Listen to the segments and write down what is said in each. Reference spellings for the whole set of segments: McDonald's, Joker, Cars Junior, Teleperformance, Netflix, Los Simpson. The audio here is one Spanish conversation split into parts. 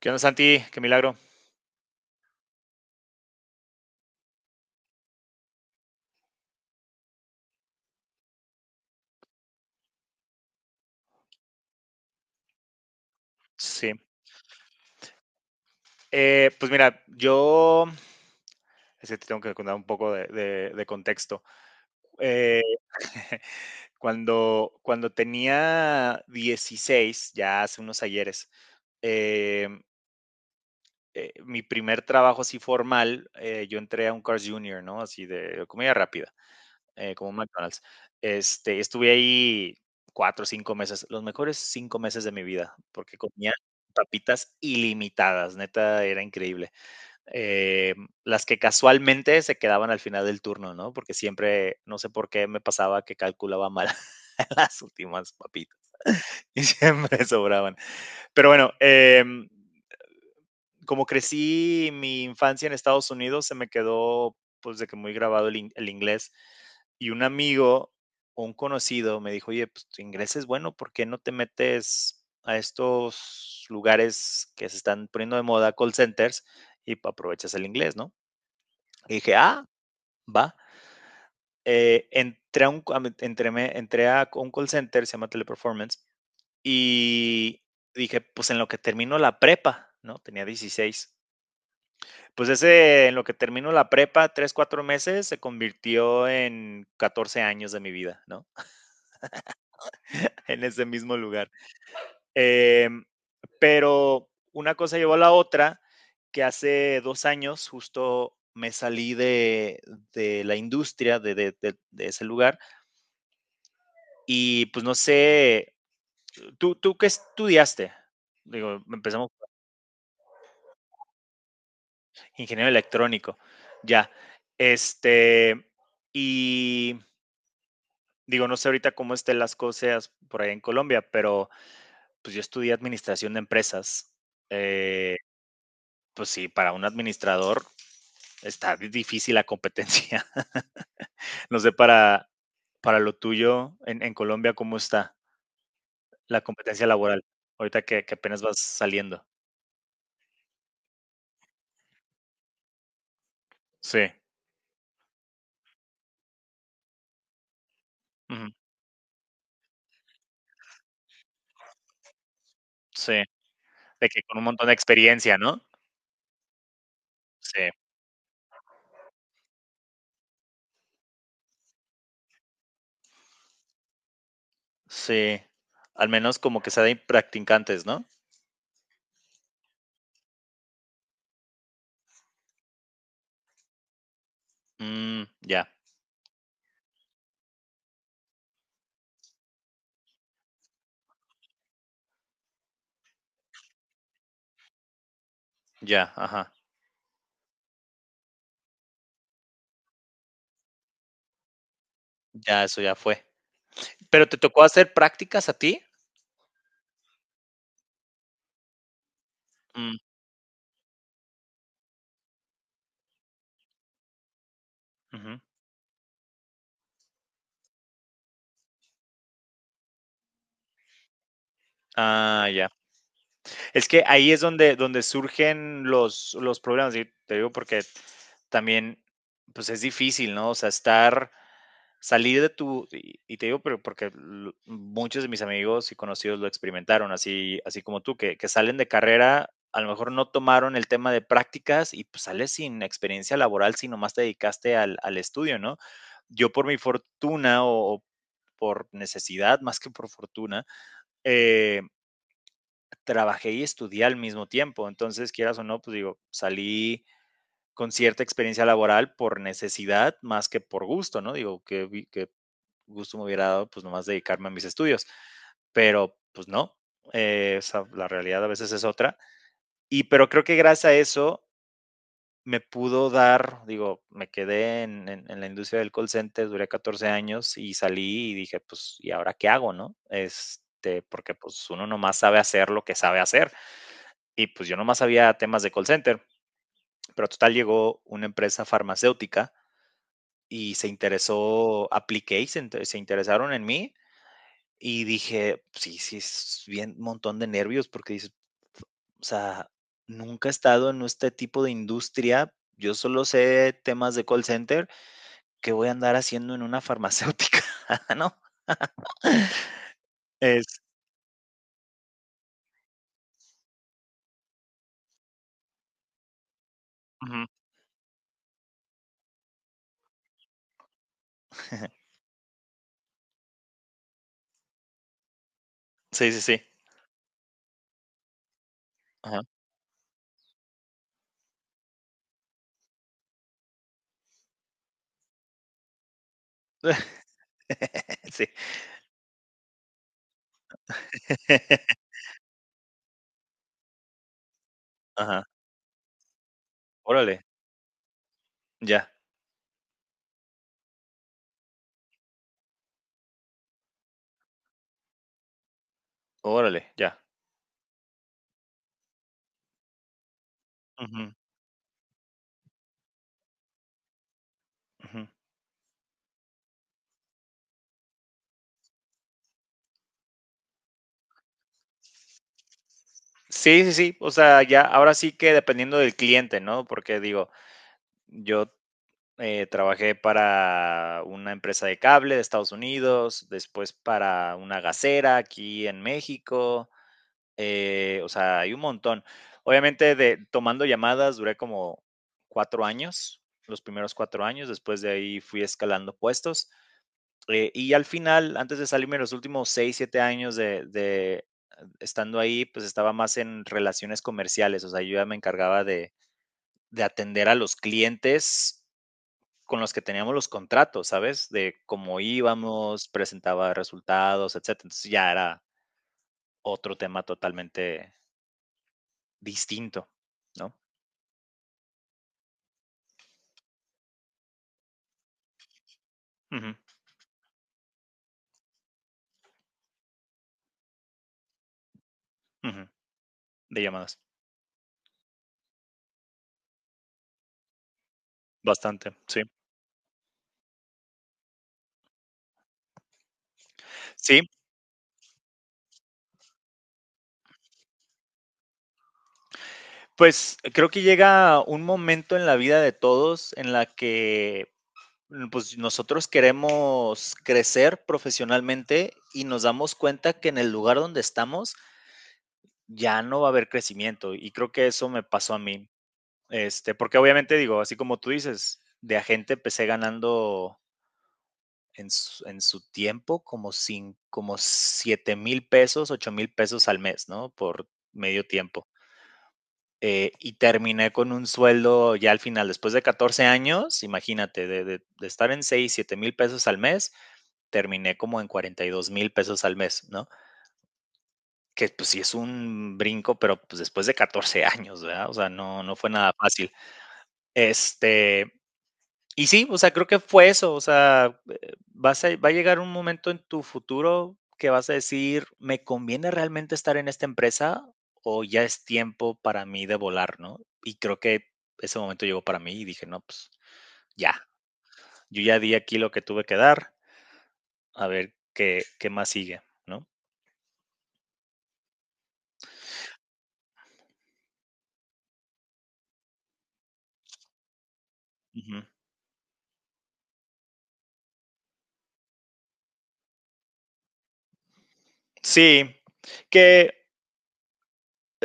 ¿Qué onda, Santi? Qué milagro. Sí. Pues mira, yo es que te tengo que contar un poco de contexto. Eh, cuando tenía 16, ya hace unos ayeres, eh, mi primer trabajo así formal, yo entré a un Cars Junior, ¿no? Así de comida rápida. Como un McDonald's. Este, estuve ahí 4 o 5 meses, los mejores 5 meses de mi vida, porque comía papitas ilimitadas, neta, era increíble. Las que casualmente se quedaban al final del turno, ¿no? Porque siempre, no sé por qué me pasaba que calculaba mal las últimas papitas y siempre sobraban. Pero bueno, como crecí mi infancia en Estados Unidos, se me quedó pues de que muy grabado el inglés. Y un amigo, un conocido, me dijo, oye, pues tu inglés es bueno, ¿por qué no te metes a estos lugares que se están poniendo de moda, call centers, y aprovechas el inglés? ¿No? Y dije, ah, va. Entré a un call center, se llama Teleperformance, y dije, pues en lo que termino la prepa, ¿no? Tenía 16. Pues ese, en lo que termino la prepa, 3 o 4 meses, se convirtió en 14 años de mi vida, ¿no? En ese mismo lugar. Em, pero una cosa llevó a la otra, que hace 2 años justo me salí de la industria, de ese lugar, y, pues, no sé, ¿tú qué estudiaste? Digo, empezamos ingeniero electrónico, ya. Este, y digo, no sé ahorita cómo estén las cosas por allá en Colombia, pero pues yo estudié administración de empresas. Eh, pues sí, para un administrador está difícil la competencia. No sé para lo tuyo en Colombia cómo está la competencia laboral, ahorita que apenas vas saliendo. Sí, ujú, sí, de que con un montón de experiencia, ¿no? Sí, sí, al menos como que sea de practicantes, ¿no? Mm, ya, ya, ajá, ya, eso ya fue. ¿Pero te tocó hacer prácticas a ti? Mm, ujú. Ah, ya. Es que ahí es donde surgen los problemas, y te digo porque también, pues es difícil, ¿no? O sea, estar, salir de tu, y te digo, pero porque muchos de mis amigos y conocidos lo experimentaron, así, así como tú, que salen de carrera, a lo mejor no tomaron el tema de prácticas y pues sales sin experiencia laboral si nomás te dedicaste al estudio, ¿no? Yo por mi fortuna o, por necesidad más que por fortuna, eh, trabajé y estudié al mismo tiempo. Entonces, quieras o no, pues digo, salí con cierta experiencia laboral por necesidad más que por gusto, ¿no? Digo, qué que gusto me hubiera dado, pues nomás dedicarme a mis estudios, pero pues no, la realidad a veces es otra. Y pero creo que gracias a eso me pudo dar, digo, me quedé en la industria del call center, duré 14 años y salí y dije, pues, ¿y ahora qué hago? ¿No? Este, porque pues uno nomás sabe hacer lo que sabe hacer. Y pues yo nomás sabía temas de call center, pero total llegó una empresa farmacéutica y se interesó, apliqué y se interesaron en mí y dije, sí, sí, es bien un montón de nervios porque dices, o sea, nunca he estado en este tipo de industria. Yo solo sé temas de call center que voy a andar haciendo en una farmacéutica, ¿no? Es, Ujú. Sí, sí, sí. Ajá. Sí. Ajá. Órale, ya. Órale, ya. Ujú, ujú. Sí, sí, sí. O sea, ya ahora sí que dependiendo del cliente, ¿no? Porque digo, yo trabajé para una empresa de cable de Estados Unidos, después para una gasera aquí en México, o sea, hay un montón. Obviamente, tomando llamadas duré como 4 años, los primeros 4 años, después de ahí fui escalando puestos. Y al final, antes de salirme, los últimos 6 o 7 años de estando ahí, pues estaba más en relaciones comerciales, o sea, yo ya me encargaba de atender a los clientes con los que teníamos los contratos, ¿sabes? De cómo íbamos, presentaba resultados, etcétera. Entonces ya era otro tema totalmente distinto, ¿no? Ujú, ujú, de llamadas. Bastante, sí. Sí, pues creo que llega un momento en la vida de todos en la que pues nosotros queremos crecer profesionalmente y nos damos cuenta que en el lugar donde estamos ya no va a haber crecimiento y creo que eso me pasó a mí. Este, porque obviamente digo, así como tú dices, de agente empecé ganando en su tiempo como, sin, como 7 mil pesos, 8,000 pesos al mes, ¿no? Por medio tiempo. Y terminé con un sueldo ya al final, después de 14 años, imagínate, de estar en 6,000 o 7,000 pesos al mes, terminé como en 42,000 pesos al mes, ¿no? Que pues sí es un brinco, pero pues después de 14 años, ¿verdad? O sea, no, no fue nada fácil. Este, y sí, o sea, creo que fue eso, o sea, vas a va a llegar un momento en tu futuro que vas a decir, ¿me conviene realmente estar en esta empresa o ya es tiempo para mí de volar? ¿No? Y creo que ese momento llegó para mí y dije, no, pues ya, yo ya di aquí lo que tuve que dar, a ver qué más sigue, ¿no? Ujú. Sí, que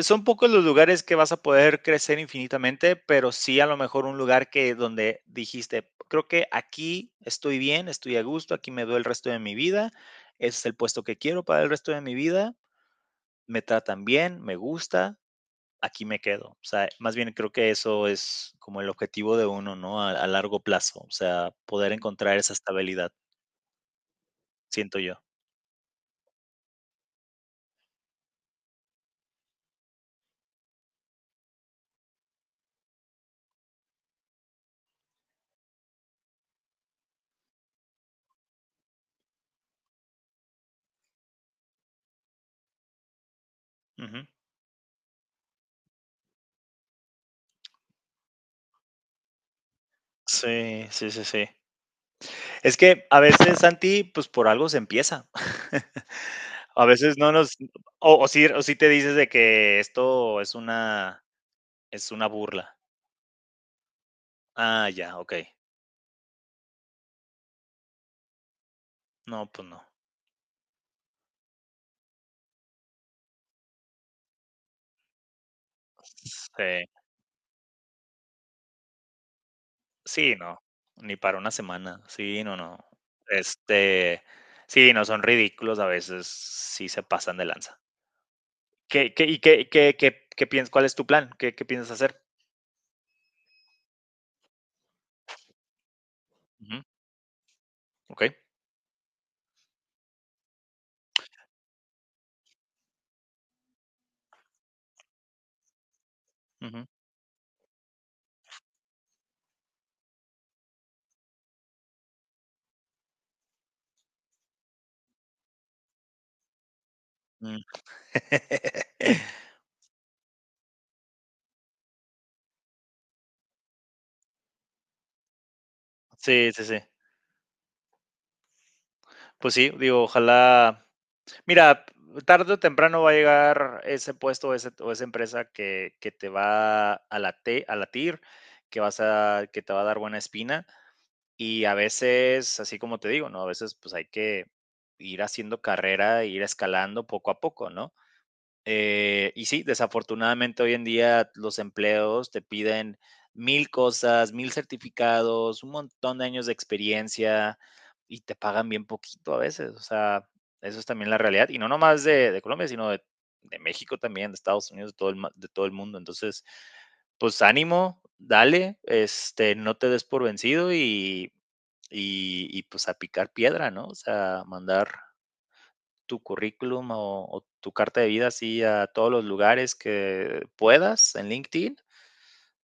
son pocos los lugares que vas a poder crecer infinitamente, pero sí a lo mejor un lugar que donde dijiste, creo que aquí estoy bien, estoy a gusto, aquí me veo el resto de mi vida, ese es el puesto que quiero para el resto de mi vida, me tratan bien, me gusta, aquí me quedo. O sea, más bien creo que eso es como el objetivo de uno, ¿no? A largo plazo, o sea, poder encontrar esa estabilidad, siento yo. Ujú. Sí, sí, sí, sí. Es que a veces, Santi, pues por algo se empieza. A veces no nos o sí o sí te dices de que esto es una burla. Ah, ya, okey. No, pues no. Sí. Sí, no, ni para una semana. Sí, no, no. Este, sí, no, son ridículos a veces, sí se pasan de lanza. ¿Qué qué y qué qué qué qué piensas? ¿Cuál es tu plan? ¿Qué piensas hacer? Ujú, okey. Ujú, mm. Sí, sí, sí. Pues sí, digo, ojalá mira, tarde o temprano va a llegar ese puesto o ese o esa empresa que te va a late a latir, que vas a que te va a dar buena espina. Y a veces, así como te digo, ¿no? A veces, pues, hay que ir haciendo carrera, ir escalando poco a poco, ¿no? Y sí, desafortunadamente hoy en día los empleos te piden mil cosas, mil certificados, un montón de años de experiencia y te pagan bien poquito a veces. O sea, eso es también la realidad. Y no nomás de Colombia, sino México también, de Estados Unidos, de todo el mundo. Entonces, pues ánimo, dale, este, no te des por vencido y pues a picar piedra, ¿no? O sea, mandar tu currículum o tu carta de vida así a todos los lugares que puedas en LinkedIn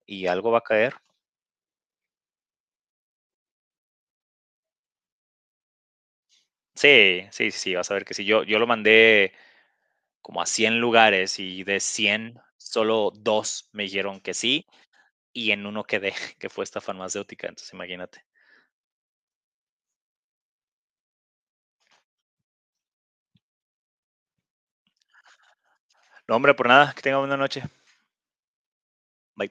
y algo va a caer. Sí, sí, sí, vas a ver que sí. Yo lo mandé como a 100 lugares y de 100 solo dos me dijeron que sí y en uno quedé, que fue esta farmacéutica. Entonces, imagínate. No, hombre, por nada, que tenga buena noche. Bye.